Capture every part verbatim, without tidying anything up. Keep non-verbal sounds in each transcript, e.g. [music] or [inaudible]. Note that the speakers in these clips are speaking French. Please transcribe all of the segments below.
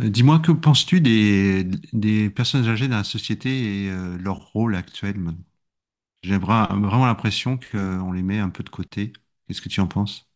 Euh, Dis-moi, que penses-tu des, des personnes âgées dans la société et euh, leur rôle actuel maintenant? J'ai vra- vraiment l'impression qu'on les met un peu de côté. Qu'est-ce que tu en penses?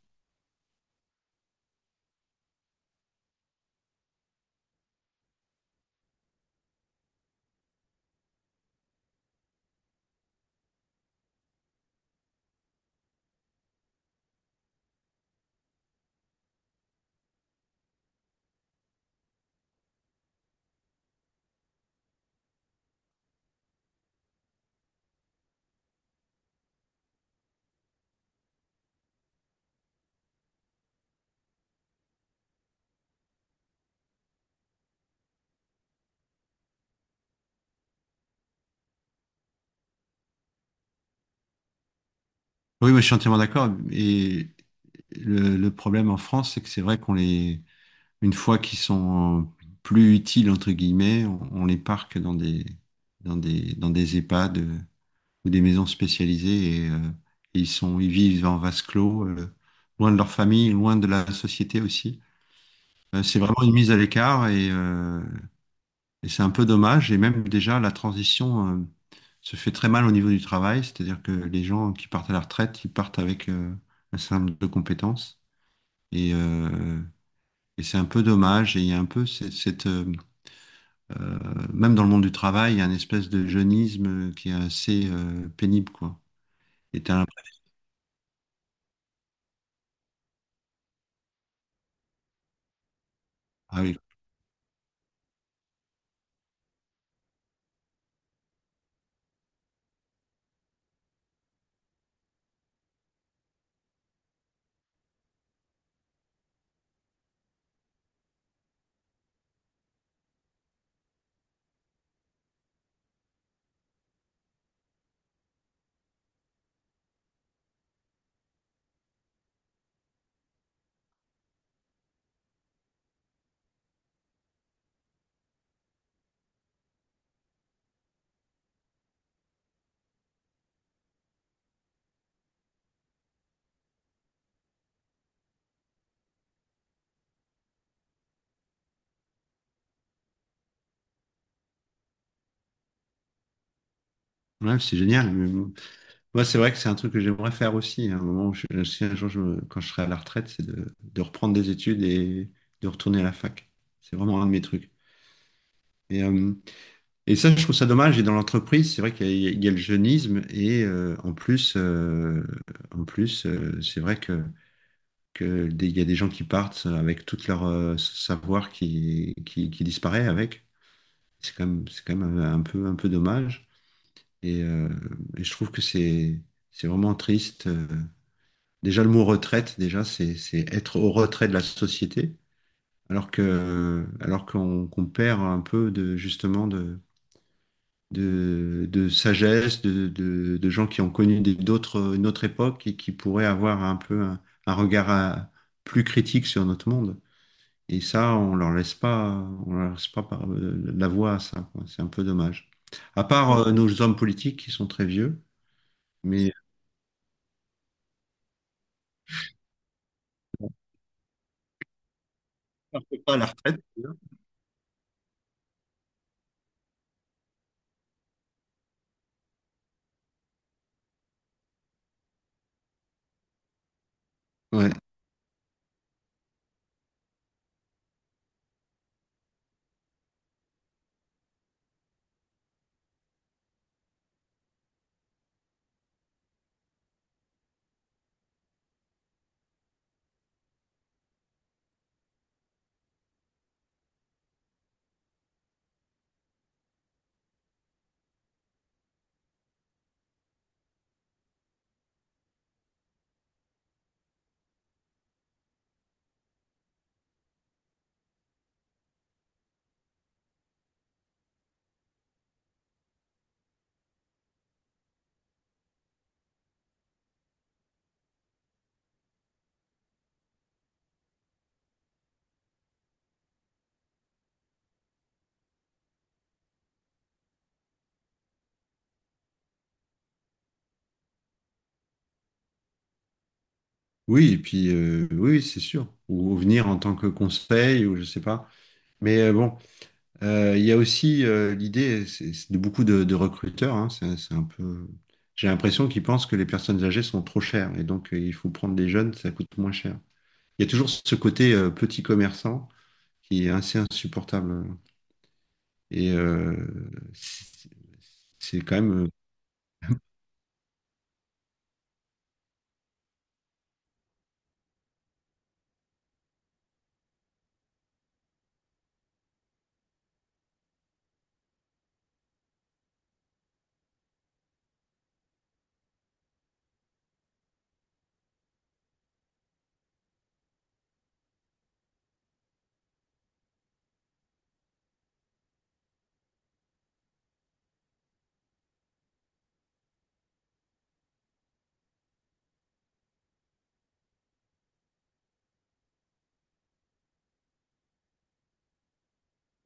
Oui, moi, je suis entièrement d'accord. Et le, le problème en France, c'est que c'est vrai qu'on les, une fois qu'ils sont plus utiles, entre guillemets, on, on les parque dans des, dans des, dans des EHPAD euh, ou des maisons spécialisées et, euh, et ils sont, ils vivent en vase clos, euh, loin de leur famille, loin de la société aussi. Euh, C'est vraiment une mise à l'écart et, euh, et c'est un peu dommage. Et même déjà, la transition euh, se fait très mal au niveau du travail, c'est-à-dire que les gens qui partent à la retraite, ils partent avec euh, un certain nombre de compétences. Et, euh, et c'est un peu dommage. Et il y a un peu cette, cette, euh, euh, même dans le monde du travail, il y a une espèce de jeunisme qui est assez euh, pénible, quoi. Et t'as l'impression- ah oui, ouais, c'est génial. Moi, c'est vrai que c'est un truc que j'aimerais faire aussi. À un moment, où je- si un jour, je me- quand je serai à la retraite, c'est de, de reprendre des études et de retourner à la fac. C'est vraiment un de mes trucs. Et, euh, et ça, je trouve ça dommage. Et dans l'entreprise, c'est vrai qu'il y, a il y a le jeunisme. Et euh, en plus, euh, en plus euh, c'est vrai que, que des- il y a des gens qui partent avec tout leur euh, savoir qui, qui, qui disparaît avec. C'est quand même, c'est quand même un peu, un peu dommage. Et, euh, et je trouve que c'est, c'est vraiment triste. euh, Déjà, le mot retraite, déjà, c'est c'est être au retrait de la société, alors que alors qu'on qu'on perd un peu, de justement, de de, de sagesse, de, de, de gens qui ont connu des- d'autres une autre époque et qui pourraient avoir un peu un, un regard à- plus critique sur notre monde. Et ça, on leur laisse pas, on leur laisse pas par- euh, la voie à ça, quoi. C'est un peu dommage. À part euh, nos hommes politiques qui sont très vieux, mais on ne pas à la retraite. Ouais. Oui, et puis euh, oui, oui, c'est sûr. Ou venir en tant que conseil, ou je sais pas. Mais euh, bon, euh, il y a aussi euh, l'idée c'est- c'est de beaucoup de, de recruteurs, hein, c'est c'est un peu. J'ai l'impression qu'ils pensent que les personnes âgées sont trop chères et donc euh, il faut prendre des jeunes, ça coûte moins cher. Il y a toujours ce côté euh, petit commerçant qui est assez insupportable. Et euh, c'est c'est quand même.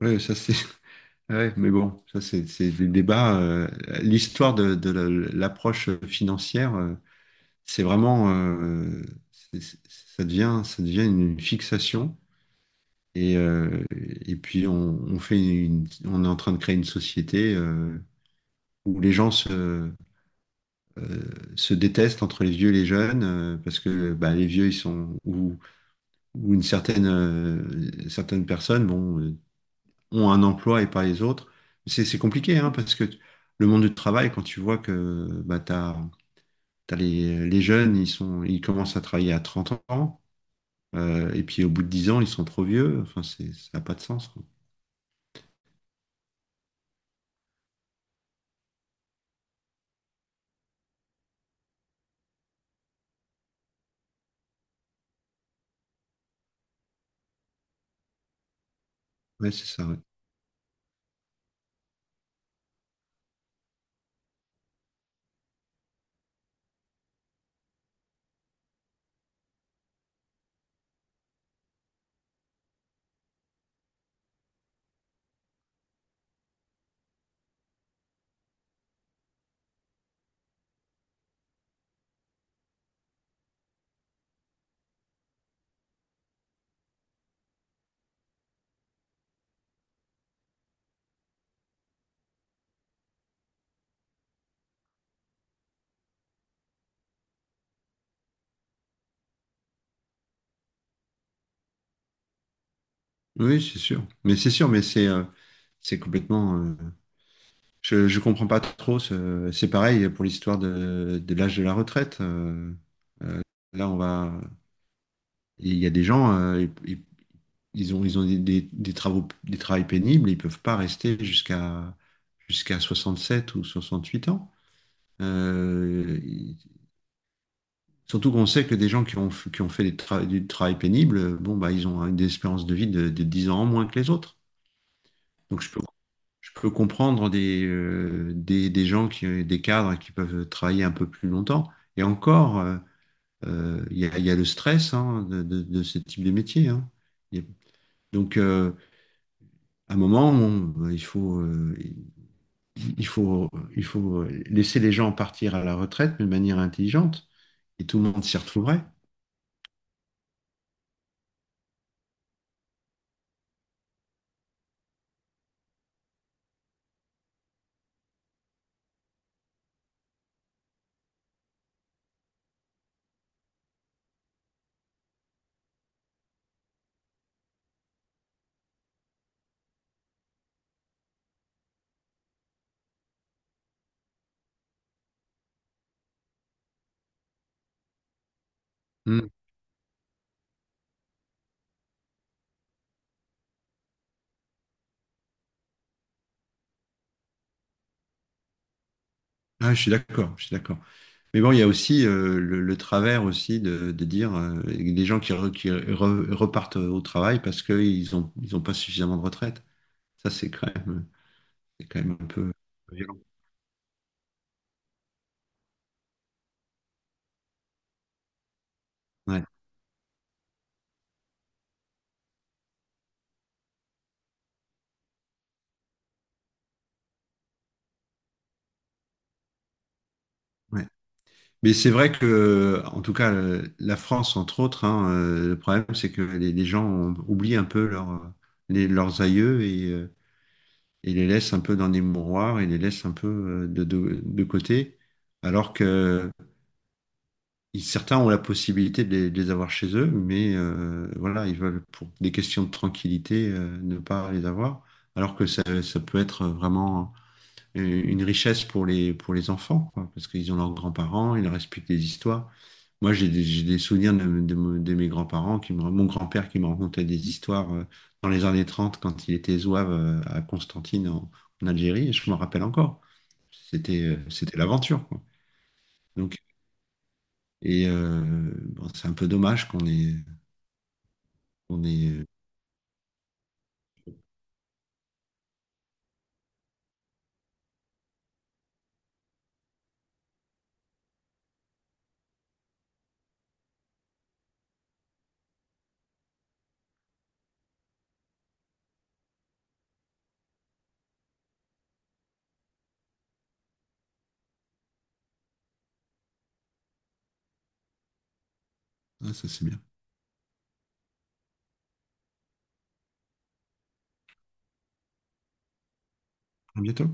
euh, Ouais, ça c'est. [laughs] Ouais, mais bon, ça c'est c'est des débats. Euh, l'histoire de, de la- l'approche euh, financière. Euh, c'est vraiment, euh, c'est- c'est- ça devient, ça devient une fixation. Et, euh, et puis on, on fait une, on est en train de créer une société euh, où les gens se, euh, se détestent entre les vieux et les jeunes euh, parce que bah, les vieux ils sont ou, ou une certaine euh, certaines personnes bon euh, ont un emploi et pas les autres. C'est c'est compliqué, hein, parce que le monde du travail, quand tu vois que bah, t'as, t'as les, les jeunes ils sont ils commencent à travailler à trente ans. Euh, et puis au bout de dix ans, ils sont trop vieux. Enfin, c'est, ça n'a pas de sens, quoi. Ouais, c'est ça, ouais. Oui, c'est sûr. Mais c'est sûr, mais c'est euh, c'est complètement. euh, je je comprends pas trop. ce- C'est pareil pour l'histoire de, de l'âge de la retraite. Euh, là, on va. Il y a des gens, euh, ils, ils- ils ont, ils ont des, des, des travaux, des travails pénibles. Ils peuvent pas rester jusqu'à jusqu'à soixante-sept ou soixante huit ans. Euh, Surtout qu'on sait que des gens qui ont, f- qui ont fait des tra- du travail pénible, euh, bon, bah, ils ont, hein, des espérances de vie de, de dix ans en moins que les autres. Donc je peux, je peux comprendre des, euh, des, des gens, qui, des cadres qui peuvent travailler un peu plus longtemps. Et encore, euh, euh, il y a, il y a, le stress, hein, de, de, de ce type de métier, hein. Il y a- donc euh, à un moment, on- il faut, euh, il faut, il faut laisser les gens partir à la retraite mais de manière intelligente et tout le monde s'y retrouverait. Hmm. Ah, je suis d'accord, je suis d'accord. Mais bon, il y a aussi euh, le, le travers aussi de, de dire euh, des gens qui, re- qui re- repartent au travail parce qu'ils ont ils ont pas suffisamment de retraite. Ça, c'est quand même c'est quand même un peu violent. Ouais, ouais. Mais c'est vrai que, en tout cas, euh, la France, entre autres, hein, euh, le problème, c'est que les, les gens ont- oublient un peu leur, euh, les- leurs aïeux et, euh, et les laissent un peu dans des mouroirs et les laissent un peu euh, de, de de côté. Alors que ils- certains ont la possibilité de les, de les avoir chez eux, mais euh, voilà, ils veulent, pour des questions de tranquillité, euh, ne pas les avoir, alors que ça, ça peut être vraiment une richesse pour les, pour les enfants, quoi, parce qu'ils ont leurs grands-parents, ils leur expliquent des histoires. Moi, j'ai des, j'ai des souvenirs de, de- de mes grands-parents, qui me- mon grand-père qui me racontait des histoires euh, dans les années trente quand il était zouave euh, à Constantine en, en Algérie, et je m'en rappelle encore. C'était, euh, c'était l'aventure, quoi. Donc, et euh, bon, c'est un peu dommage qu'on ait, on est. Ah, ça c'est bien. À bientôt.